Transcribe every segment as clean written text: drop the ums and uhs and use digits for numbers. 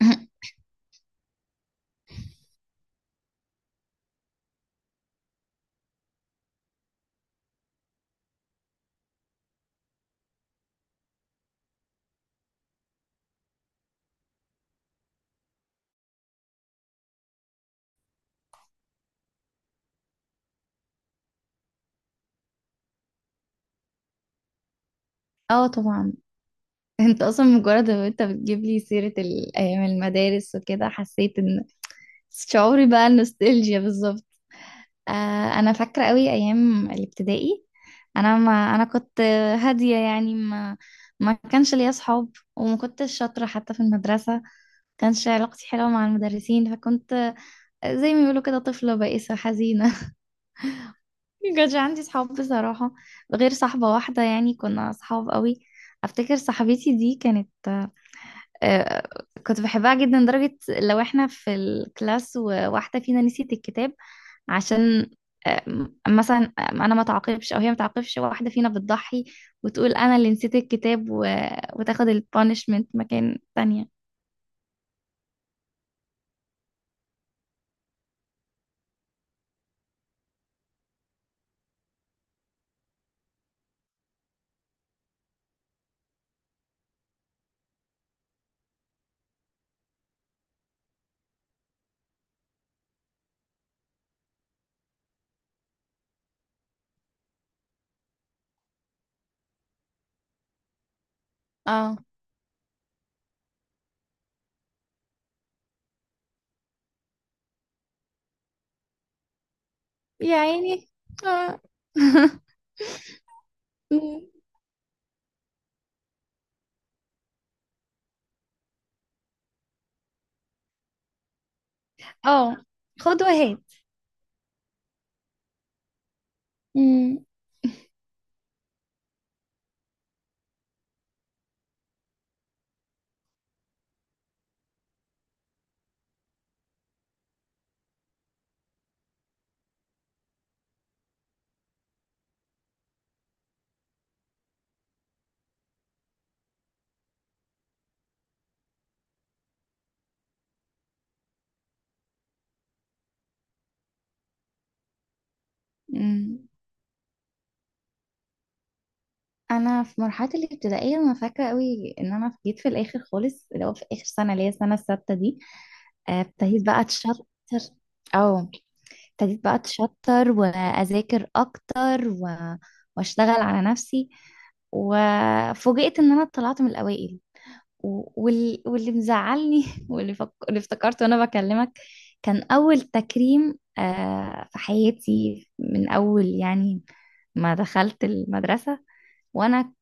اه، طبعا. انت اصلا مجرد ما انت بتجيب لي سيرة ايام المدارس وكده، حسيت ان شعوري بقى النوستالجيا بالظبط. آه، انا فاكرة قوي ايام الابتدائي. انا ما انا كنت هادية، يعني ما كانش ليا اصحاب، وما كنتش شاطرة حتى في المدرسة. كانش علاقتي حلوة مع المدرسين، فكنت زي ما بيقولوا كده طفلة بائسة حزينة. ما كانش عندي صحاب بصراحة، غير صاحبة واحدة. يعني كنا صحاب قوي. افتكر صاحبتي دي كانت، آه، كنت بحبها جدا، لدرجة لو احنا في الكلاس وواحدة فينا نسيت الكتاب، عشان مثلا انا ما تعاقبش او هي ما تعاقبش، واحدة فينا بتضحي وتقول انا اللي نسيت الكتاب وتاخد البانشمنت مكان تانية. اه. يا عيني. اه. اه، خد وهات. مم. مم. انا في مرحله الابتدائيه، انا فاكره قوي ان انا جيت في الاخر خالص، اللي هو في اخر سنه، اللي هي السنه السادسه دي. آه، ابتديت بقى اتشطر، او ابتديت بقى اتشطر واذاكر اكتر واشتغل على نفسي. وفوجئت ان انا طلعت من الاوائل. واللي مزعلني، اللي افتكرته وانا بكلمك، كان اول تكريم في حياتي، من اول يعني ما دخلت المدرسه. وانا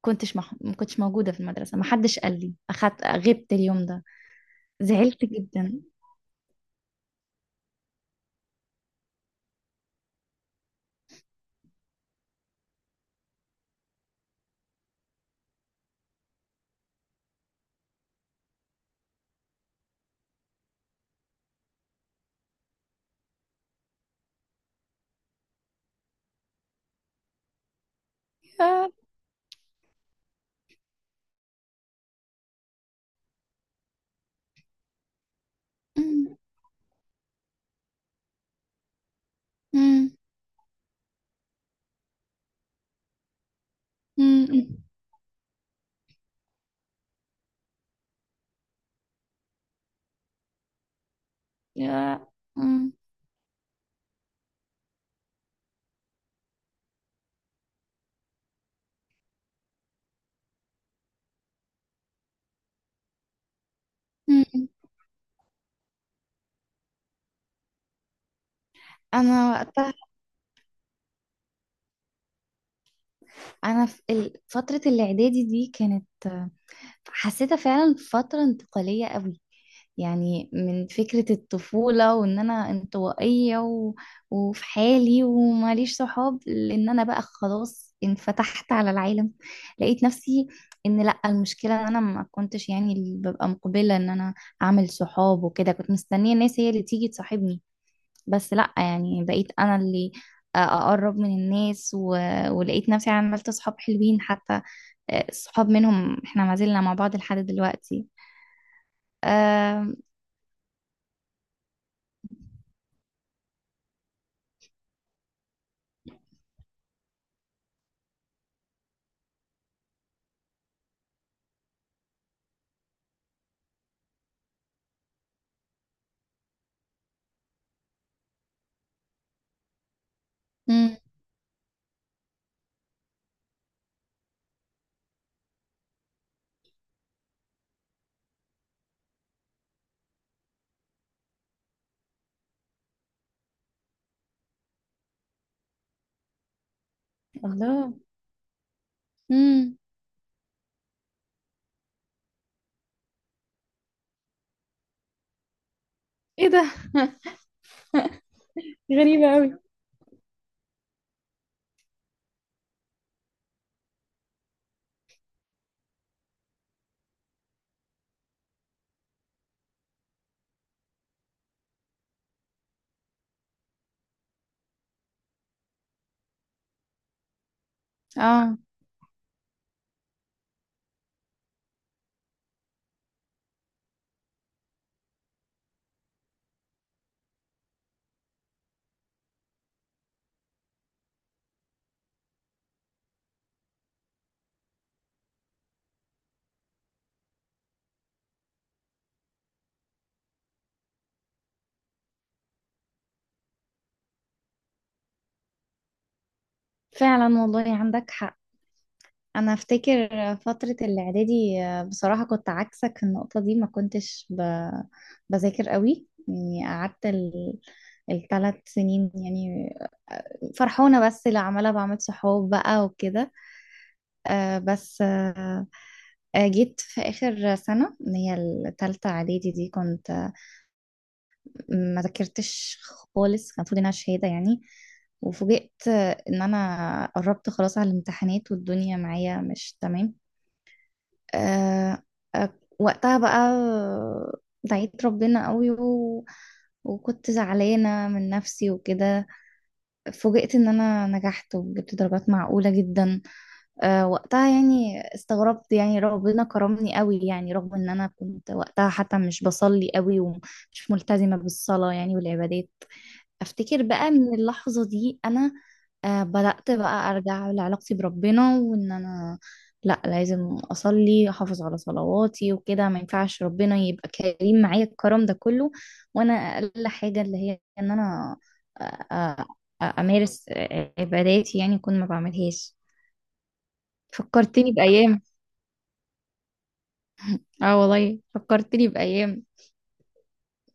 ما كنتش موجودة في المدرسة، ما حدش قال لي. أخدت، غبت اليوم ده. زعلت جدا. يا. أم، أم، أم، أم. يا. أم، أم، أم. أنا وقتها، أنا في فترة الإعدادي دي كانت، حسيتها فعلا فترة انتقالية قوي. يعني من فكرة الطفولة وان انا انطوائية وفي حالي وماليش صحاب، لان انا بقى خلاص انفتحت على العالم. لقيت نفسي ان لا، المشكلة ان انا ما كنتش يعني اللي ببقى مقبلة ان انا اعمل صحاب وكده. كنت مستنية الناس هي اللي تيجي تصاحبني. بس لا، يعني بقيت انا اللي اقرب من الناس ولقيت نفسي عملت صحاب حلوين حتى. صحاب منهم احنا ما زلنا مع بعض لحد دلوقتي. آه... مم. الله. امم. ايه ده. غريبة قوي. اه، فعلا والله عندك حق. انا افتكر فترة الاعدادي، بصراحة كنت عكسك في النقطة دي. ما كنتش بذاكر قوي. يعني قعدت الثلاث سنين يعني فرحونة، بس اللي عمالة بعمل صحاب بقى وكده. بس جيت في آخر سنة، اللي هي التالتة إعدادي دي، كنت ما ذاكرتش خالص. كان المفروض انها شهاده يعني. وفوجئت ان انا قربت خلاص على الامتحانات والدنيا معايا مش تمام. آه آه، وقتها بقى دعيت ربنا قوي وكنت زعلانة من نفسي وكده. فوجئت ان انا نجحت وجبت درجات معقولة جدا. وقتها يعني استغربت، يعني ربنا كرمني قوي يعني، رغم ان انا كنت وقتها حتى مش بصلي قوي ومش ملتزمة بالصلاة يعني والعبادات. افتكر بقى من اللحظة دي، انا بدأت بقى ارجع لعلاقتي بربنا، وان انا لا، لازم اصلي، احافظ على صلواتي وكده. ما ينفعش ربنا يبقى كريم معايا الكرم ده كله، وانا اقل حاجة اللي هي ان انا آه، آه، امارس عباداتي، يعني كنت ما بعملهاش. فكرتني بأيام. اه والله فكرتني بأيام.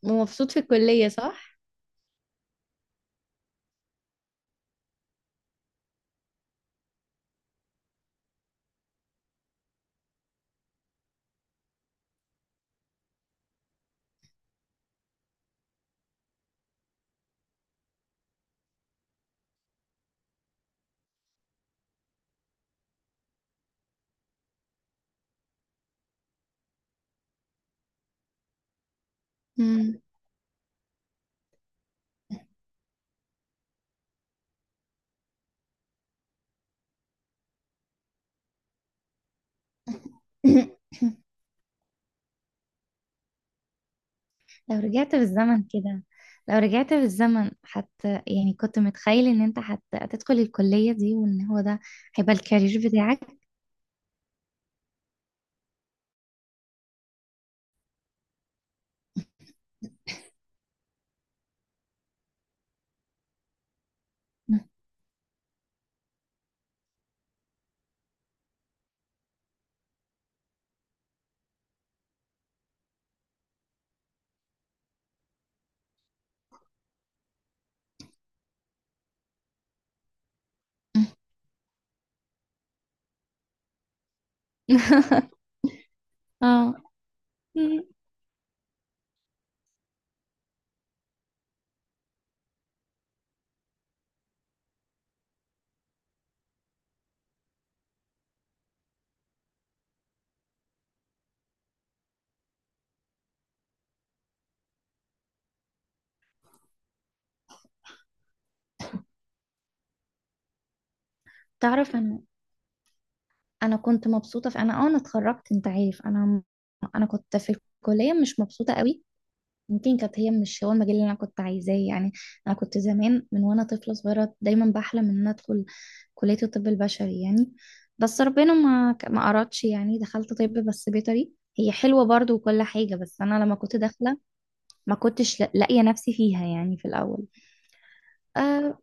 ومبسوط في الكلية، صح؟ مم. لو رجعت بالزمن كده لو رجعت بالزمن حتى، يعني كنت متخيل ان انت حت هتدخل الكلية دي، وان هو ده هيبقى الكارير بتاعك؟ اه. تعرف انا كنت مبسوطة في انا اتخرجت. انت عارف انا كنت في الكلية مش مبسوطة قوي. يمكن كانت هي مش هو المجال اللي انا كنت عايزاه يعني. انا كنت زمان من وانا طفله صغيره دايما بحلم ان انا ادخل كليه الطب البشري يعني. بس ربنا ما ارادش يعني. دخلت طب بس بيطري. هي حلوه برضو وكل حاجه، بس انا لما كنت داخله ما كنتش لاقيه نفسي فيها، يعني في الاول. آه،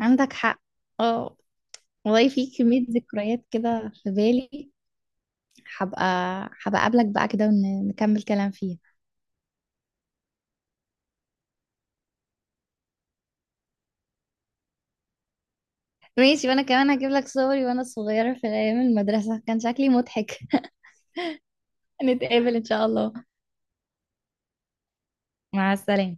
عندك حق. اه والله في كميه ذكريات كده في بالي. هبقى هبقى اقابلك بقى كده ونكمل كلام فيها. ماشي، وانا كمان هجيب لك صوري وانا صغيرة في ايام المدرسة، كان شكلي مضحك. نتقابل ان شاء الله. مع السلامة.